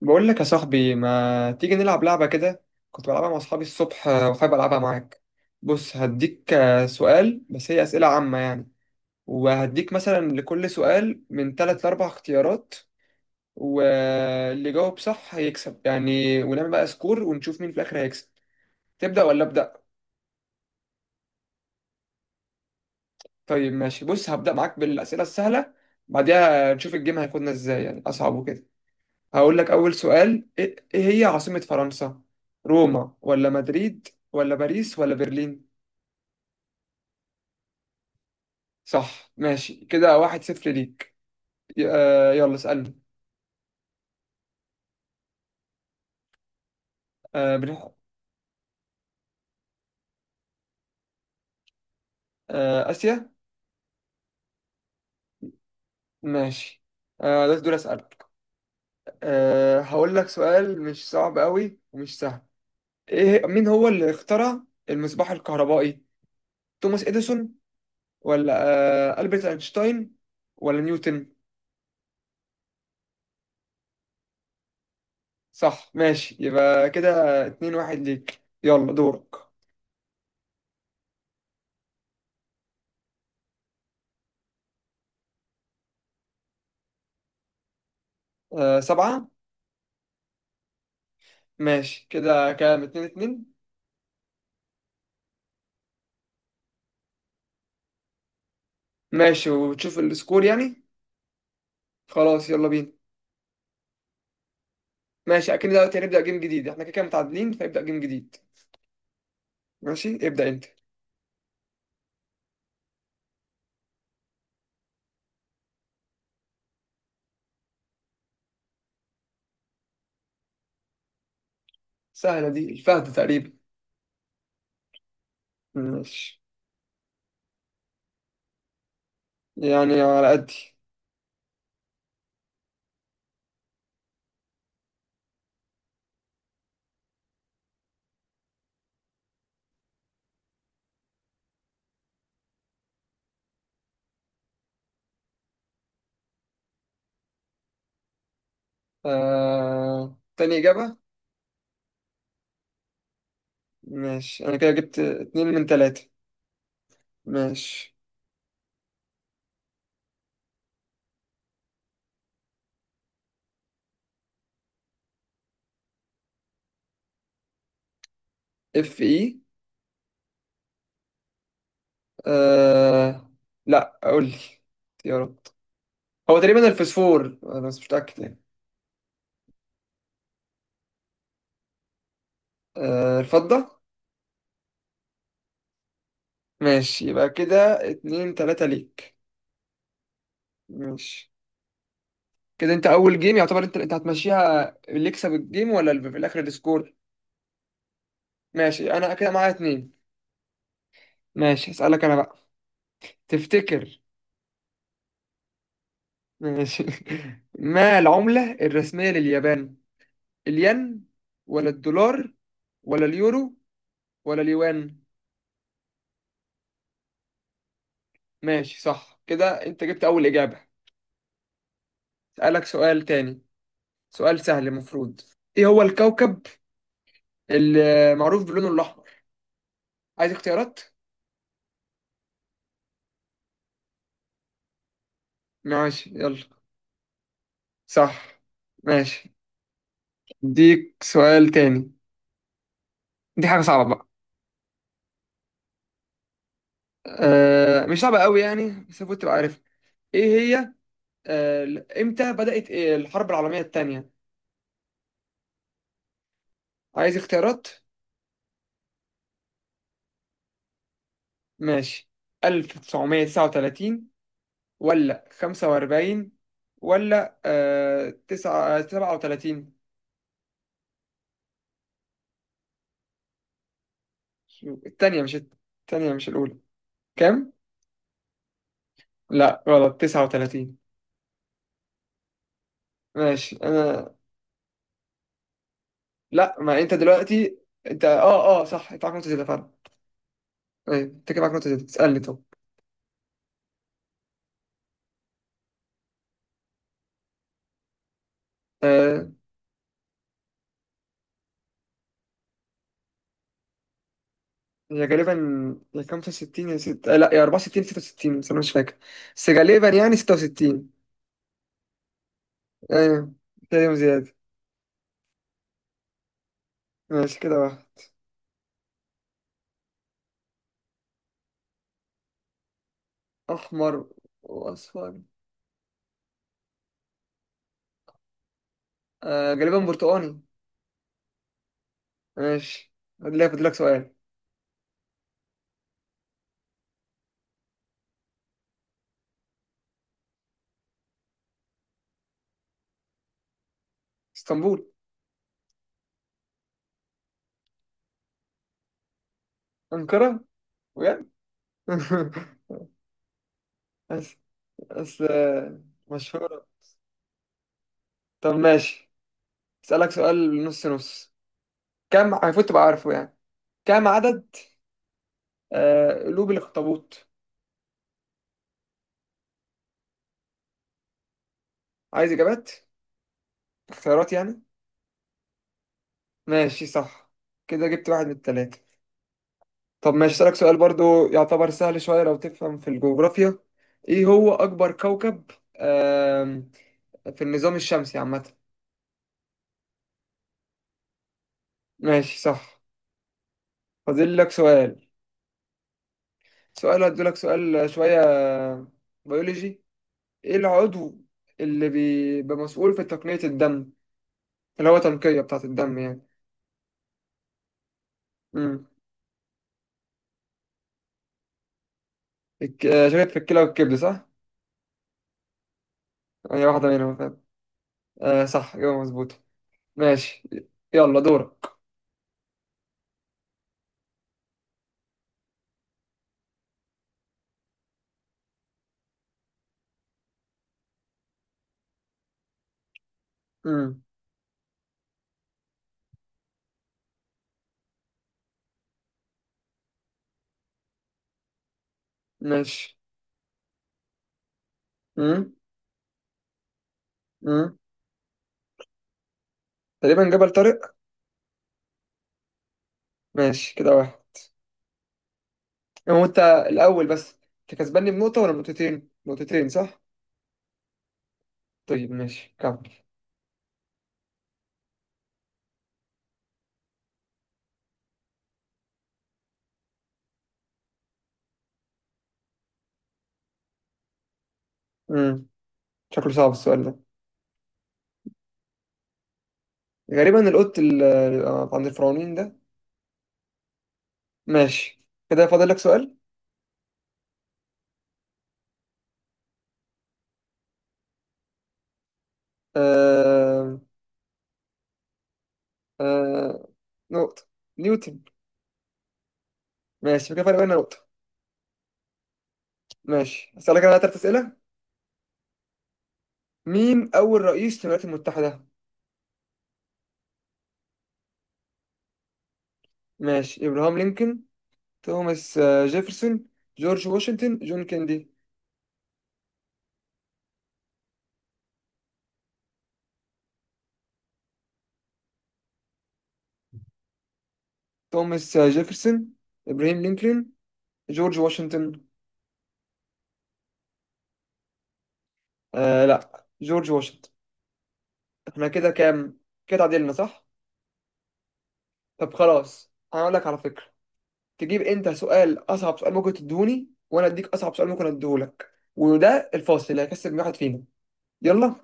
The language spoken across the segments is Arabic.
بقول لك يا صاحبي، ما تيجي نلعب لعبة كده؟ كنت بلعبها مع أصحابي الصبح، وحابب ألعبها معاك. بص، هديك سؤال، بس هي أسئلة عامة يعني. وهديك مثلا لكل سؤال من تلات لأربع اختيارات، واللي جاوب صح هيكسب يعني، ونعمل بقى سكور ونشوف مين في الآخر هيكسب. تبدأ ولا أبدأ؟ طيب ماشي، بص هبدأ معاك بالأسئلة السهلة، بعدها نشوف الجيم هياخدنا إزاي، يعني أصعب وكده. هقول لك أول سؤال: إيه هي عاصمة فرنسا؟ روما، ولا مدريد، ولا باريس، ولا برلين؟ صح، ماشي، كده واحد صفر ليك. يلا اسألني. آه بنح... آسيا. ماشي. ده دول أسألك. هقول لك سؤال مش صعب قوي ومش سهل. إيه، مين هو اللي اخترع المصباح الكهربائي؟ توماس إديسون، ولا ألبرت أينشتاين، ولا نيوتن؟ صح، ماشي، يبقى كده اتنين واحد ليك. يلا دورك. سبعة. ماشي، كده كام؟ اتنين اتنين. ماشي، وتشوف السكور يعني. خلاص، يلا بينا. ماشي، أكيد دلوقتي هنبدأ جيم جديد، احنا كده كده متعادلين، فيبدأ جيم جديد. ماشي، ابدأ أنت. سهلة دي، الفهد تقريبا. ماشي. يعني على قدي. تاني إجابة. ماشي، أنا كده جبت اتنين من تلاتة. ماشي. اف اي. آه... لا، قول لي اختيارات. هو تقريبا الفسفور، أنا بس مش متأكد يعني. الفضة. ماشي، يبقى كده اتنين تلاتة ليك. ماشي، كده انت اول جيم يعتبر انت هتمشيها، اللي يكسب الجيم ولا اللي في الاخر السكور؟ ماشي، انا كده معايا اتنين. ماشي، هسألك انا بقى. تفتكر؟ ماشي. ما العملة الرسمية لليابان؟ الين، ولا الدولار، ولا اليورو، ولا اليوان؟ ماشي، صح، كده انت جبت اول اجابة. اسألك سؤال تاني، سؤال سهل المفروض. ايه هو الكوكب اللي معروف بلونه الاحمر؟ عايز اختيارات؟ ماشي، يلا. صح. ماشي، اديك سؤال تاني، دي حاجة صعبة بقى. مش صعبة قوي يعني، بس المفروض تبقى عارف. ايه هي؟ امتى بدأت، إيه، الحرب العالمية التانية؟ عايز اختيارات؟ ماشي، 1939، ولا 45، ولا 9 37؟ التانية مش التانية مش الأولى. كام؟ لا، غلط، 39. ماشي. أنا، لا، ما أنت دلوقتي، أنت أه أه صح، أنت عارف، نقطة زيادة. أيوة، انت كده معاك نقطة، تسألني. طب، آه هي غالبا يا 65 يا 6، لا، يا 64 66، بس انا مش فاكر، بس غالبا يعني 66. ايوه، كده يوم زيادة. ماشي، كده واحد. احمر واصفر. غالبا برتقاني. ماشي، هدي فاضلك سؤال. اسطنبول. انقرة؟ بجد! بس بس آه، مشهورة. طب ماشي، اسألك سؤال نص نص، كم المفروض تبقى عارفه يعني. كم عدد قلوب الاخطبوط؟ عايز اجابات، اختيارات يعني؟ ماشي، صح. كده جبت واحد من التلاتة. طب ماشي، أسألك سؤال برضو يعتبر سهل شوية لو تفهم في الجغرافيا. إيه هو أكبر كوكب آم، في النظام الشمسي عامة؟ ماشي، صح. فاضل لك سؤال. سؤال، هديلك سؤال شوية بيولوجي. إيه العضو اللي بيبقى مسؤول في تقنية الدم، اللي هو تنقية بتاعة الدم يعني؟ امم شاكك في الكلى والكبد، صح؟ هي واحدة منهم، فاهم؟ آه، صح، إجابة مظبوطة. ماشي، يلا دورك. امم. ماشي. امم. امم تقريبا جبل طارق. ماشي، كده واحد. هو انت الاول بس. انت كسباني بنقطه ولا نقطتين، نقطتين صح؟ طيب ماشي كمل. امم شكله صعب السؤال ده. غالبا القط اللي عند الفرعونين ده. ماشي، كده فاضل لك سؤال. آه... آه... نقطه. نيوتن. ماشي، كده فرق بيننا نقطه. ماشي، هسألك انا ثلاث اسئله. مين اول رئيس للولايات المتحده؟ ماشي: ابراهام لينكولن، توماس جيفرسون، جورج واشنطن، جون كيندي. توماس جيفرسون، إبراهيم لينكولن، جورج واشنطن. لا، جورج واشنطن. احنا كده كام؟ كده تعادلنا، صح. طب خلاص، انا اقول لك على فكرة، تجيب انت سؤال، اصعب سؤال ممكن تديهوني، وانا اديك اصعب سؤال ممكن اديهولك، وده الفاصل اللي هيكسب واحد فينا. يلا.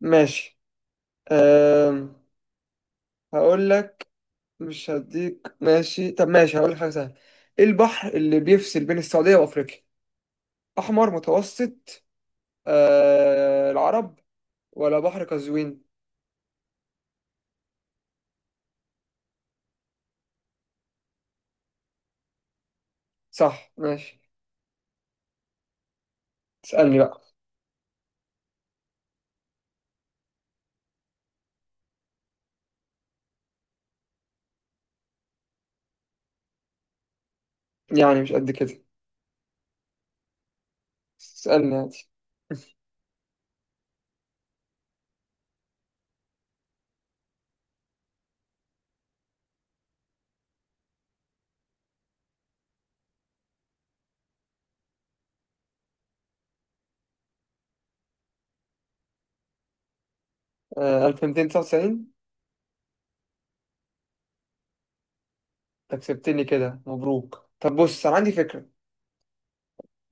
ماشي. أم... هقول لك، مش هديك. ماشي، طب ماشي، هقول لك حاجة سهلة. ايه البحر اللي بيفصل بين السعودية وافريقيا؟ احمر، متوسط، العرب، ولا بحر قزوين؟ صح، ماشي، تسألني بقى. يعني مش قد كده، تسألني عادي. 1299. انت كسبتني، كده مبروك. طب بص، انا عندي فكرة،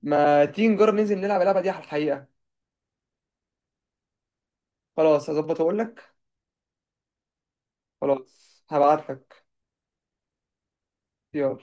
ما تيجي نجرب ننزل نلعب اللعبة دي على الحقيقة؟ خلاص، هظبط واقول لك. خلاص، هبعت لك. يلا.